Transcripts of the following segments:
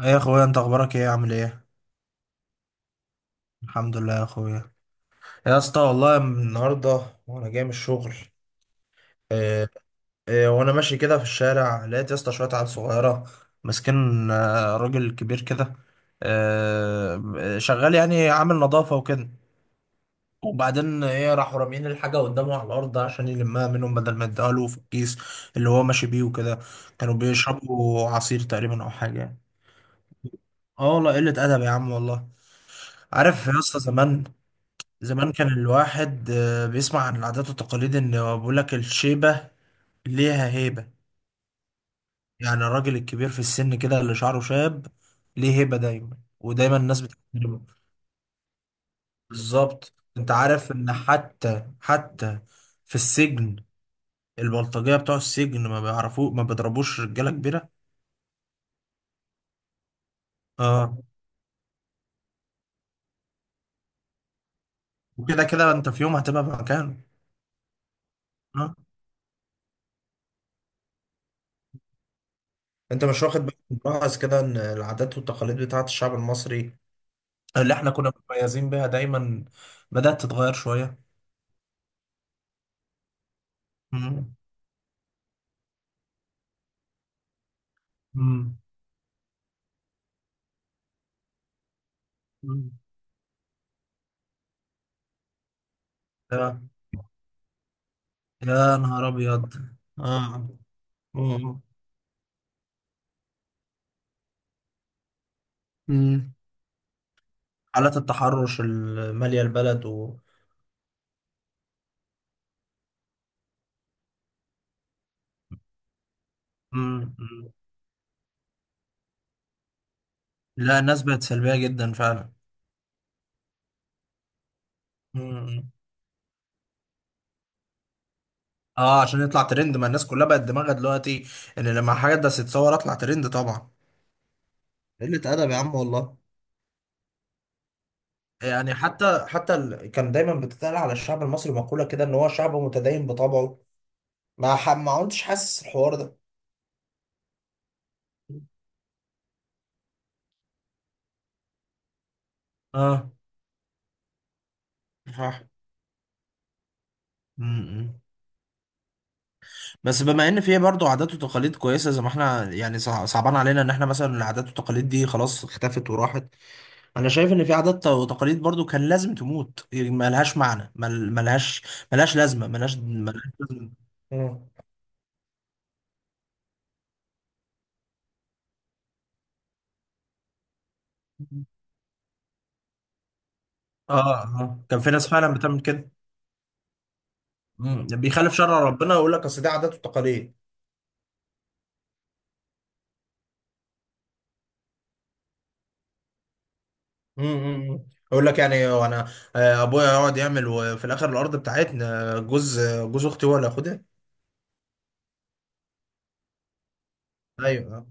ايه يا اخويا، انت اخبارك ايه؟ عامل ايه؟ الحمد لله يا اخويا. يا اسطى، والله من النهارده وانا جاي من الشغل. إيه؟ إيه، وانا ماشي كده في الشارع لقيت يا اسطى شويه عيال صغيره ماسكين راجل كبير كده. شغال يعني، عامل نظافه وكده. وبعدين ايه، راحوا راميين الحاجه قدامه على الارض عشان يلمها منهم بدل ما يديها له في الكيس اللي هو ماشي بيه وكده. كانوا بيشربوا عصير تقريبا او حاجه يعني. اه والله، قله ادب يا عم والله. عارف يا اسطى، زمان... زمان كان الواحد بيسمع عن العادات والتقاليد، ان بيقول لك الشيبة ليها هيبة. يعني الراجل الكبير في السن كده اللي شعره شاب ليه هيبة دايما، ودايما الناس بتحترمه. بالظبط، انت عارف ان حتى في السجن البلطجية بتوع السجن ما بيعرفوه، ما بيضربوش رجالة كبيرة. اه. وكده كده انت في يوم هتبقى في مكانه. اه. انت مش واخد بالك؟ ملاحظ كده ان العادات والتقاليد بتاعت الشعب المصري، اللي احنا كنا متميزين بيها دايما، بدأت تتغير شوية. مم. مم. مم. يا يا نهار أبيض. آه. مم. مم. حالات التحرش اللي مالية البلد مم. مم. لا، الناس بقت سلبية جدا فعلا. مم. اه، عشان يطلع ترند، ما الناس كلها بقت دماغها دلوقتي ان لما حاجة ده تتصور اطلع ترند طبعا. قلة أدب يا عم والله. يعني حتى كان دايما بتتقال على الشعب المصري مقولة كده ان هو شعب متدين بطبعه. ما كنتش حاسس الحوار ده. اه. صح. امم. بس بما ان في برضه عادات وتقاليد كويسه زي ما احنا يعني، صعبان علينا ان احنا مثلا العادات والتقاليد دي خلاص اختفت وراحت. انا شايف ان في عادات وتقاليد برضه كان لازم تموت، يعني ملهاش معنى، ملهاش لازمه، ملهاش لازمه. مم. اه، اه، كان في ناس فعلا بتعمل كده. امم. بيخالف شرع ربنا ويقول لك اصل دي عادات وتقاليد. امم. اقول لك يعني، وانا ابويا يقعد يعمل وفي الاخر الارض بتاعتنا جوز اختي هو اللي ياخدها. ايوه.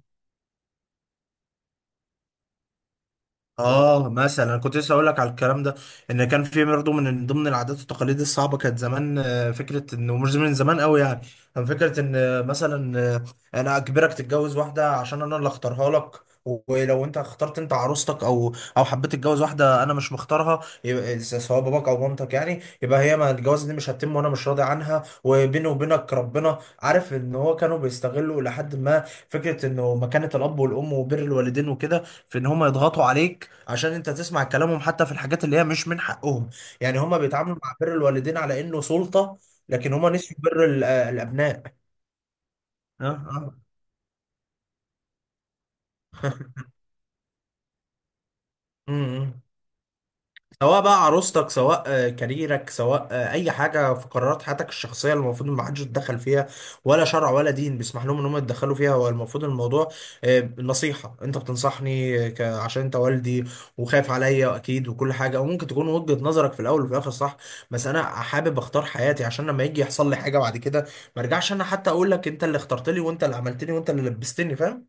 اه، مثلا انا كنت لسه اقول لك على الكلام ده. ان كان في برضه من ضمن العادات والتقاليد الصعبه كانت زمان، فكره انه مش من زمان قوي يعني. كان فكره ان مثلا انا اجبرك تتجوز واحده عشان انا اللي اختارها لك. ولو انت اخترت انت عروستك او حبيت تتجوز واحده انا مش مختارها، يبقى سواء باباك او مامتك، يعني يبقى هي ما الجواز دي مش هتتم وانا مش راضي عنها، وبيني وبينك ربنا عارف ان هو كانوا بيستغلوا لحد ما... فكره انه مكانه الاب والام وبر الوالدين وكده في ان هم يضغطوا عليك عشان انت تسمع كلامهم، حتى في الحاجات اللي هي مش من حقهم. يعني هما بيتعاملوا مع بر الوالدين على انه سلطة. لكن هما نسيوا بر الابناء. اه. اه. أمم. سواء بقى عروستك، سواء كاريرك، سواء اي حاجه في قرارات حياتك الشخصيه اللي المفروض ما حدش يتدخل فيها. ولا شرع ولا دين بيسمح لهم ان هم يتدخلوا فيها. هو المفروض الموضوع نصيحه انت بتنصحني، عشان انت والدي وخايف عليا اكيد وكل حاجه، وممكن تكون وجهه نظرك في الاول وفي الاخر صح. بس انا حابب اختار حياتي، عشان لما يجي يحصل لي حاجه بعد كده ما ارجعش انا حتى اقول لك انت اللي اخترت لي وانت اللي عملتني وانت اللي لبستني، فاهم؟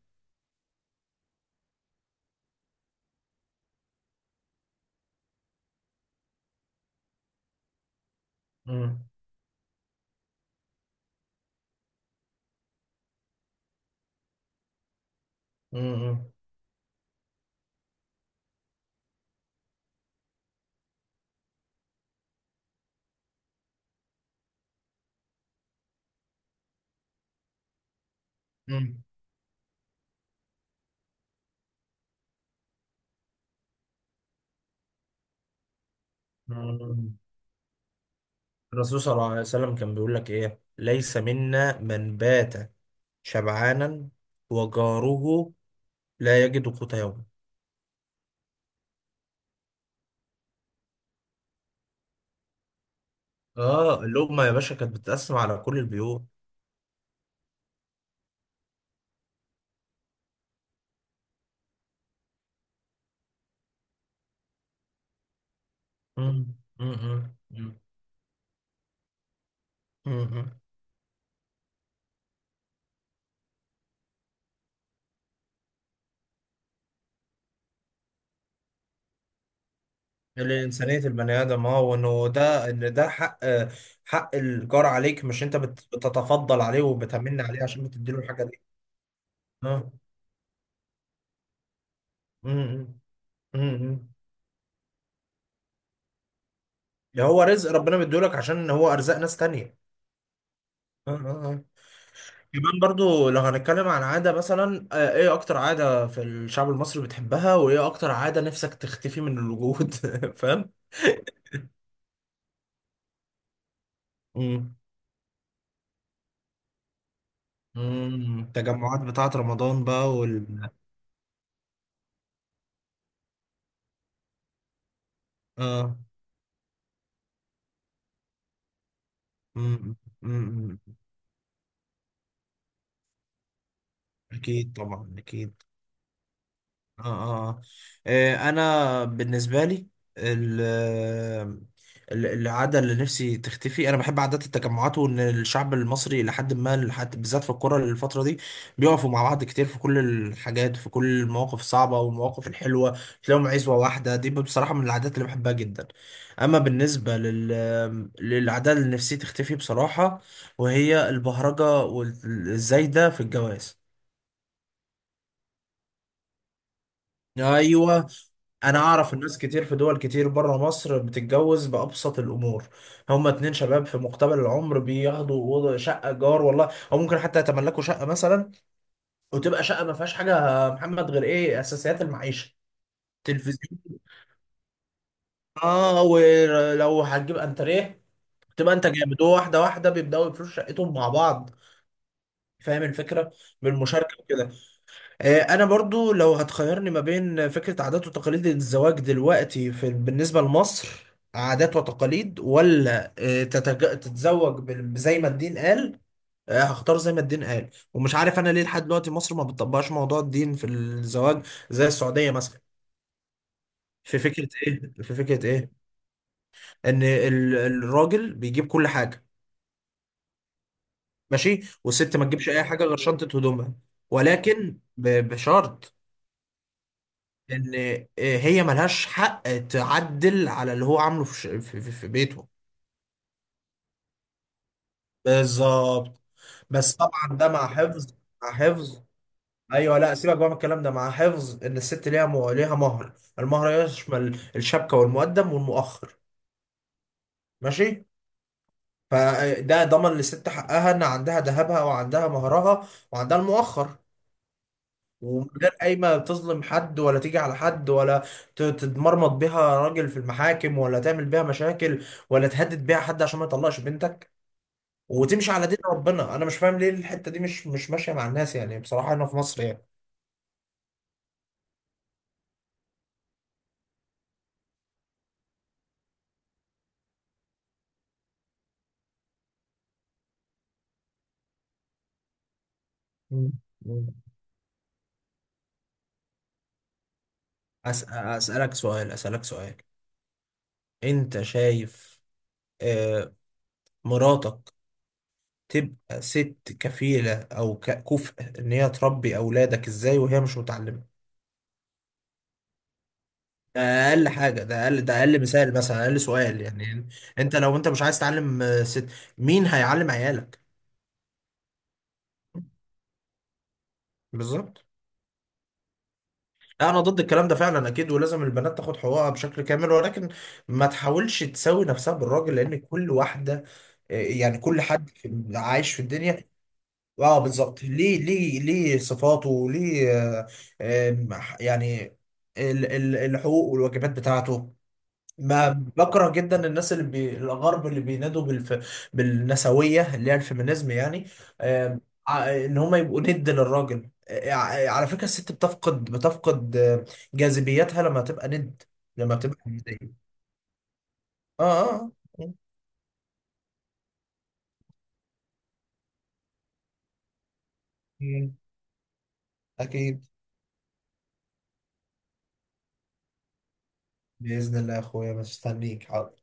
امم. امم. الرسول صلى الله عليه وسلم كان بيقول لك ايه: ليس منا من بات شبعانا وجاره لا يجد قوت يومه. اه، اللقمة يا باشا كانت بتتقسم على كل البيوت. مم. مم. مم. مم. الإنسانية البني آدم، اه، وإنه ده، ده حق. حق الجار عليك، مش أنت بتتفضل عليه وبتمن عليه عشان بتديله الحاجة دي. اه. مم. مم. مم. ده هو رزق ربنا مديهولك، عشان هو أرزاق ناس تانية. اه. اه. آه. كمان برضو لو هنتكلم عن عادة مثلا، ايه اكتر عادة في الشعب المصري بتحبها؟ وايه اكتر عادة نفسك تختفي من الوجود؟ فاهم؟ امم. امم. التجمعات بتاعة رمضان بقى اه. امم. امم. أمم. اكيد طبعا، اكيد. اه. اه. اه. انا بالنسبه لي ال- العاده اللي نفسي تختفي، انا بحب عادات التجمعات وان الشعب المصري لحد ما لحد بالذات في الكوره الفتره دي بيقفوا مع بعض كتير في كل الحاجات، في كل المواقف الصعبه والمواقف الحلوه. تلاقيهم عزوه واحده، دي بصراحه من العادات اللي بحبها جدا. اما بالنسبه للعاده اللي نفسي تختفي بصراحه، وهي البهرجه والزايده في الجواز. ايوه. انا اعرف الناس كتير في دول كتير بره مصر بتتجوز بابسط الامور. هما اتنين شباب في مقتبل العمر بياخدوا شقه جار والله، او ممكن حتى يتملكوا شقه مثلا، وتبقى شقه ما فيهاش حاجه يا محمد غير ايه، اساسيات المعيشه. تلفزيون. اه، ولو هتجيب انتريه تبقى انت جامد. هو واحده واحده بيبداوا يفرشوا شقتهم مع بعض، فاهم الفكره؟ بالمشاركه وكده. انا برضو لو هتخيرني ما بين فكرة عادات وتقاليد الزواج دلوقتي في بالنسبة لمصر، عادات وتقاليد، ولا تتزوج زي ما الدين قال؟ هختار زي ما الدين قال. ومش عارف انا ليه لحد دلوقتي مصر ما بتطبقش موضوع الدين في الزواج زي السعودية مثلا. في فكرة ايه، في فكرة ايه، ان الراجل بيجيب كل حاجة. ماشي، والست ما تجيبش اي حاجة غير شنطة هدومها. ولكن بشرط ان هي ملهاش حق تعدل على اللي هو عامله في ش- في في- في بيته. بالظبط. بس طبعا ده مع حفظ. مع حفظ. ايوه. لا سيبك بقى من الكلام ده، مع حفظ ان الست ليها ليها مهر. المهر يشمل الشبكه والمقدم والمؤخر. ماشي. فده ضمن للست حقها، ان عندها ذهبها وعندها مهرها وعندها المؤخر. ومن غير اي، ما تظلم حد ولا تيجي على حد ولا تتمرمط بيها راجل في المحاكم، ولا تعمل بيها مشاكل، ولا تهدد بيها حد عشان ما يطلقش بنتك، وتمشي على دين ربنا. انا مش فاهم ليه الحتة دي مش ماشية مع الناس يعني، بصراحة هنا في مصر يعني. مم. مم. أسألك سؤال، أسألك سؤال. أنت شايف آه، مراتك تبقى ست كفيلة أو كفء إن هي تربي أولادك، إزاي وهي مش متعلمة؟ ده اقل حاجه، ده اقل مثال، مثلا اقل سؤال يعني. لو انت مش عايز تعلم ست، مين هيعلم عيالك؟ بالظبط. لا، انا ضد الكلام ده فعلا اكيد، ولازم البنات تاخد حقوقها بشكل كامل، ولكن ما تحاولش تساوي نفسها بالراجل، لان كل واحده يعني كل حد عايش في الدنيا. اه بالظبط، ليه صفاته وليه آه، آه، يعني الحقوق والواجبات بتاعته. ما بكره جدا الناس اللي الغرب اللي بينادوا بالنسويه اللي هي الفيمينيزم يعني. آم، ان هم يبقوا ند للراجل. على فكره الست بتفقد جاذبيتها لما تبقى ند، لما بتبقى ندية. اه. اه. آه. مم. اكيد. باذن الله يا اخويا، مستنيك حاضر.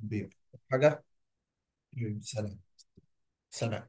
حبيبي. حاجه. حبيبي، سلام. سلام.